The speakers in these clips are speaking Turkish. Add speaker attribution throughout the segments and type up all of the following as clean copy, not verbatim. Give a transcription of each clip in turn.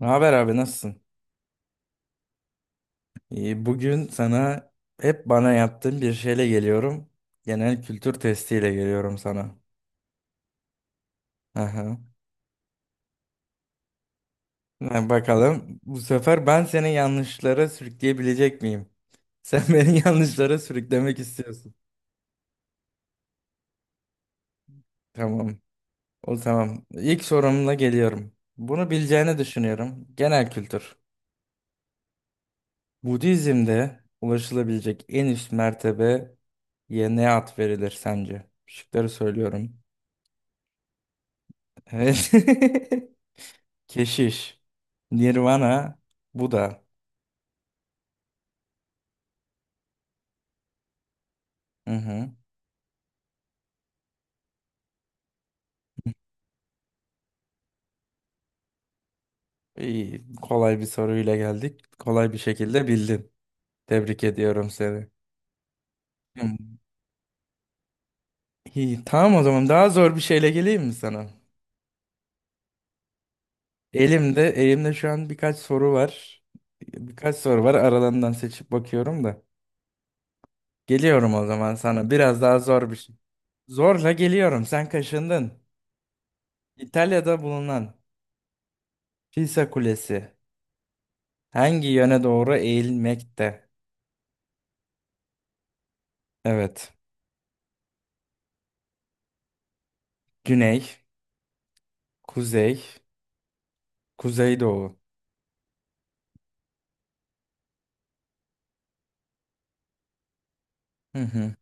Speaker 1: Ne haber abi nasılsın? İyi, bugün sana hep bana yaptığın bir şeyle geliyorum. Genel kültür testiyle geliyorum sana. Aha. Ha, bakalım bu sefer ben seni yanlışlara sürükleyebilecek miyim? Sen beni yanlışlara sürüklemek istiyorsun. Tamam. O tamam. İlk sorumla geliyorum. Bunu bileceğini düşünüyorum. Genel kültür. Budizm'de ulaşılabilecek en üst mertebeye ne ad verilir sence? Şıkları söylüyorum. Evet. Keşiş. Nirvana. Buda. Hı hı. İyi, kolay bir soruyla geldik. Kolay bir şekilde bildin. Tebrik ediyorum seni. Hı. İyi, tamam o zaman daha zor bir şeyle geleyim mi sana? Elimde şu an birkaç soru var. Birkaç soru var. Aralarından seçip bakıyorum da. Geliyorum o zaman sana. Biraz daha zor bir şey. Zorla geliyorum. Sen kaşındın. İtalya'da bulunan Pisa Kulesi hangi yöne doğru eğilmekte? Evet. Güney. Kuzey. Kuzeydoğu. Hı hı.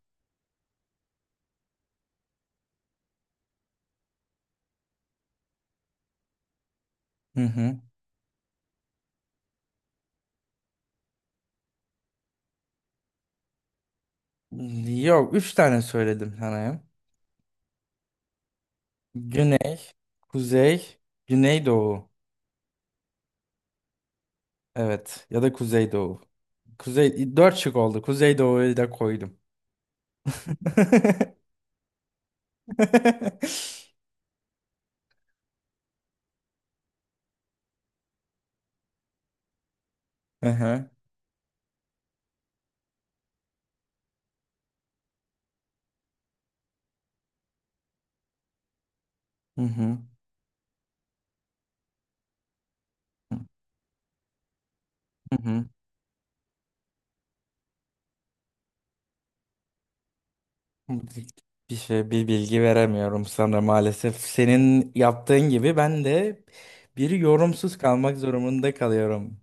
Speaker 1: Hı hı. Yok, üç tane söyledim sana ya. Güney, kuzey, güneydoğu. Evet, ya da kuzeydoğu. Kuzey, dört şık oldu. Kuzeydoğu'yu da koydum. Hı hı. Hı hı. Hı hı. Bir şey, bir bilgi veremiyorum sana maalesef. Senin yaptığın gibi ben de bir yorumsuz kalmak zorunda kalıyorum.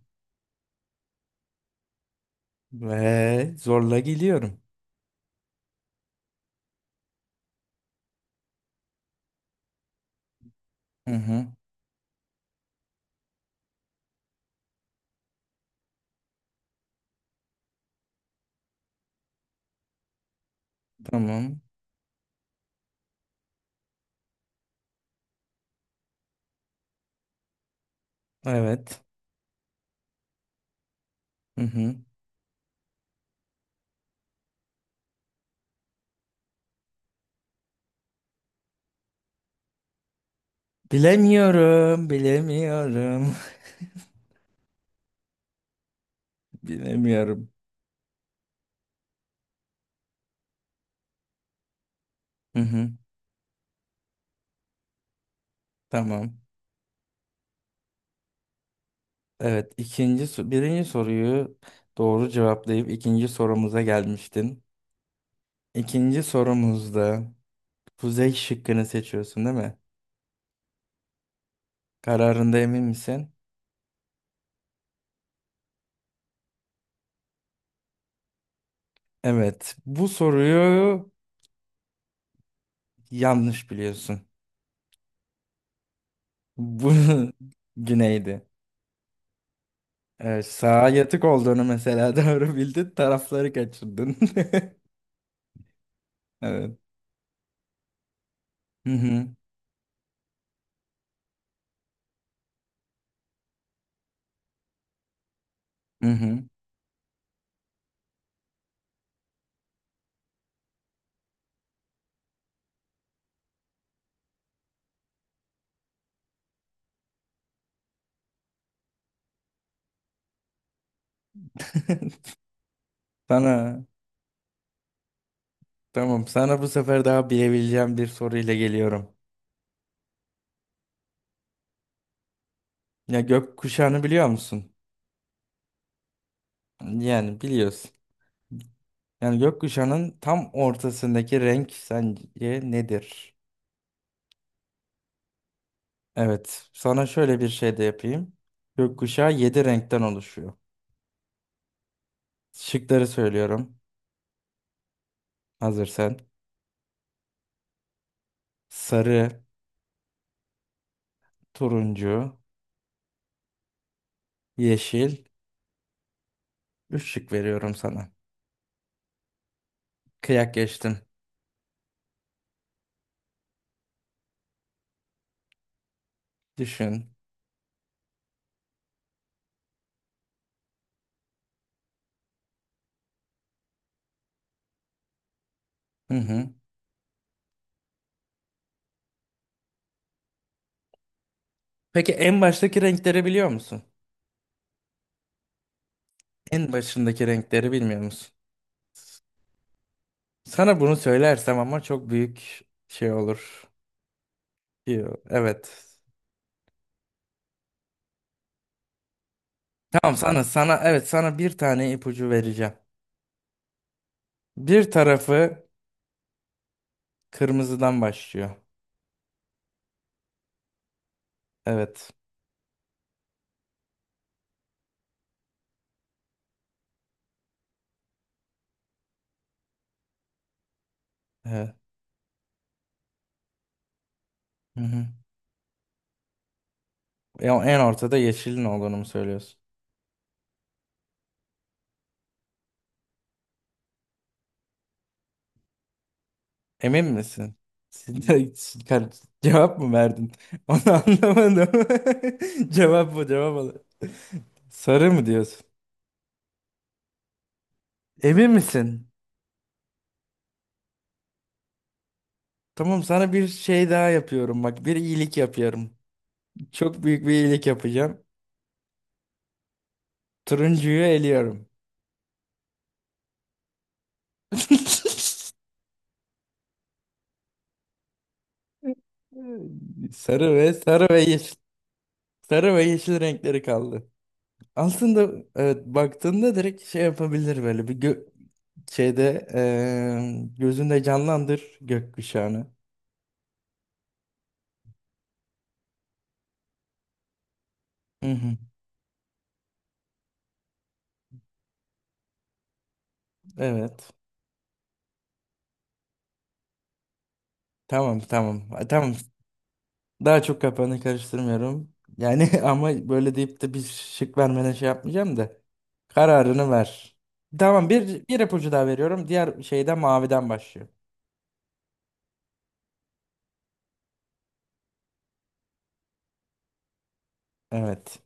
Speaker 1: Ve zorla gidiyorum. Hı hı. Tamam. Evet. Hı hı. Bilemiyorum. Bilemiyorum. Bilemiyorum. Hı hı. Tamam. Evet. Birinci soruyu doğru cevaplayıp ikinci sorumuza gelmiştin. İkinci sorumuzda kuzey şıkkını seçiyorsun, değil mi? Kararında emin misin? Evet. Bu soruyu yanlış biliyorsun. Bu güneydi. Evet, sağa yatık olduğunu mesela doğru bildin, tarafları kaçırdın. Evet. Hı hı. Hı hı. Sana tamam sana bu sefer daha bilebileceğim bir soruyla geliyorum. Ya gökkuşağını biliyor musun? Yani biliyorsun. Yani gökkuşağının tam ortasındaki renk sence nedir? Evet. Sana şöyle bir şey de yapayım. Gökkuşağı 7 renkten oluşuyor. Şıkları söylüyorum. Hazır sen. Sarı, turuncu, yeşil. Üç şık veriyorum sana. Kıyak geçtim. Düşün. Hı hı. Peki en baştaki renkleri biliyor musun? En başındaki renkleri bilmiyor musun? Sana bunu söylersem ama çok büyük şey olur. Evet. Tamam sana bir tane ipucu vereceğim. Bir tarafı kırmızıdan başlıyor. Evet. Evet. Hı hı. Ya en ortada yeşilin olduğunu mu söylüyorsun? Emin misin? Siz de- siz- kar- Cevap mı verdin? Onu anlamadım. Cevap bu cevap. Sarı mı diyorsun? Emin misin? Tamam sana bir şey daha yapıyorum, bak bir iyilik yapıyorum. Çok büyük bir iyilik yapacağım. Turuncuyu eliyorum. Sarı ve yeşil. Sarı ve yeşil renkleri kaldı. Aslında evet baktığında direkt şey yapabilir böyle bir gö şeyde gözünde canlandır gökkuşağını. Hı hı, evet. Tamam tamam. Tamam. Daha çok kapağını karıştırmıyorum. Yani ama böyle deyip de bir şık vermene şey yapmayacağım da. Kararını ver. Tamam bir ipucu daha veriyorum. Diğer şeyde maviden başlıyor. Evet.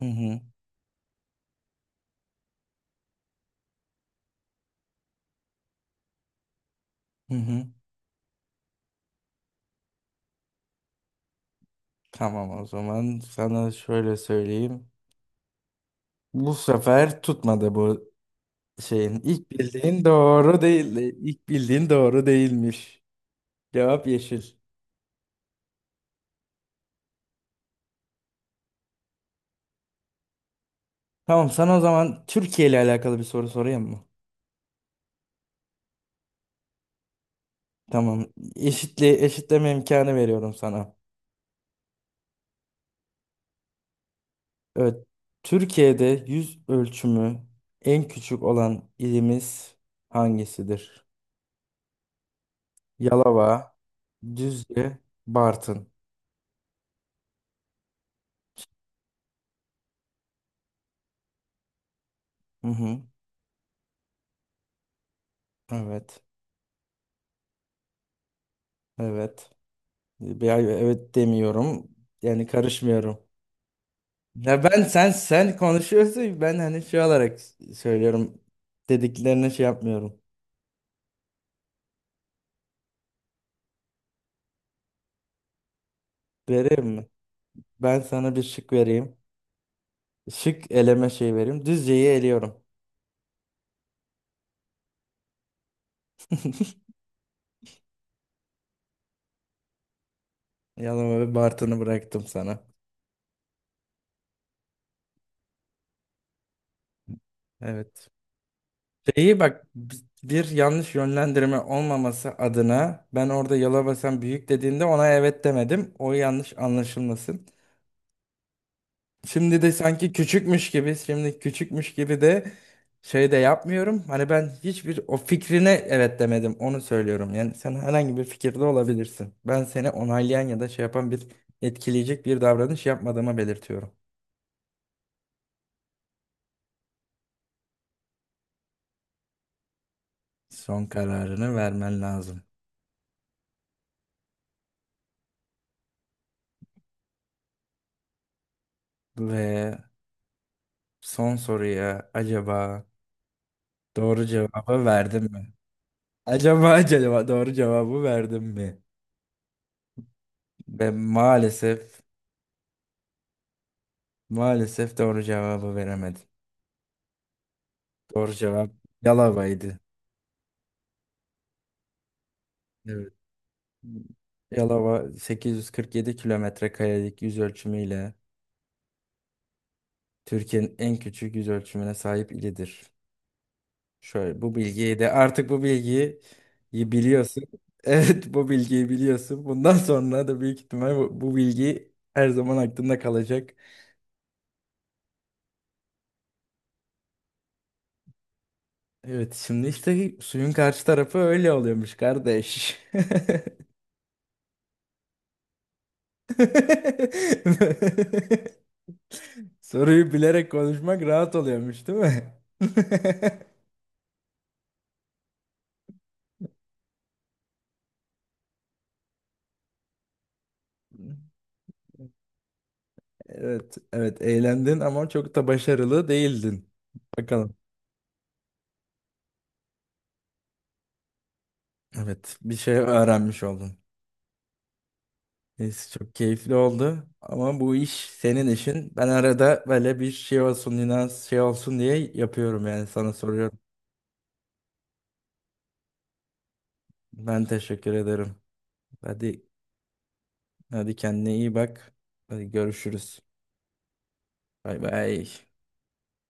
Speaker 1: Hı hı. Hı hı. Tamam o zaman sana şöyle söyleyeyim. Bu sefer tutmadı bu şeyin. İlk bildiğin doğru değildi. İlk bildiğin doğru değilmiş. Cevap yeşil. Tamam sana o zaman Türkiye ile alakalı bir soru sorayım mı? Tamam. Eşitle, eşitleme imkanı veriyorum sana. Evet, Türkiye'de yüz ölçümü en küçük olan ilimiz hangisidir? Yalova, Düzce, Bartın. Hı hı. Evet, evet. Evet demiyorum. Yani karışmıyorum. Ya ben sen sen konuşuyorsun. Ben hani şey olarak söylüyorum. Dediklerine şey yapmıyorum. Vereyim mi? Ben sana bir şık vereyim. Şık eleme şey vereyim. Düzce'yi eliyorum. Yalova ve Bartın'ı bıraktım sana. Evet. Şeyi bak bir yanlış yönlendirme olmaması adına ben orada Yalabasan büyük dediğinde ona evet demedim. O yanlış anlaşılmasın. Şimdi de sanki küçükmüş gibi, şimdi küçükmüş gibi de şey de yapmıyorum. Hani ben hiçbir o fikrine evet demedim. Onu söylüyorum. Yani sen herhangi bir fikirde olabilirsin. Ben seni onaylayan ya da şey yapan bir etkileyecek bir davranış yapmadığımı belirtiyorum. Son kararını vermen lazım. Ve son soruya acaba doğru cevabı verdim mi? Acaba doğru cevabı verdim mi? Ben maalesef doğru cevabı veremedim. Doğru cevap Yalova'ydı. Evet. Yalova 847 kilometre karelik yüz ölçümüyle Türkiye'nin en küçük yüz ölçümüne sahip ilidir. Şöyle bu bilgiyi de artık bu bilgiyi biliyorsun. Evet, bu bilgiyi biliyorsun. Bundan sonra da büyük ihtimal bu bilgi her zaman aklında kalacak. Evet, şimdi işte suyun karşı tarafı öyle oluyormuş kardeş. Soruyu bilerek konuşmak rahat oluyormuş, değil mi? Evet, evet eğlendin ama çok da başarılı değildin. Bakalım. Evet, bir şey öğrenmiş oldun. Neyse çok keyifli oldu ama bu iş senin işin. Ben arada böyle bir şey olsun, inanç şey olsun diye yapıyorum, yani sana soruyorum. Ben teşekkür ederim. Hadi Hadi kendine iyi bak. Hadi görüşürüz. Bay bay.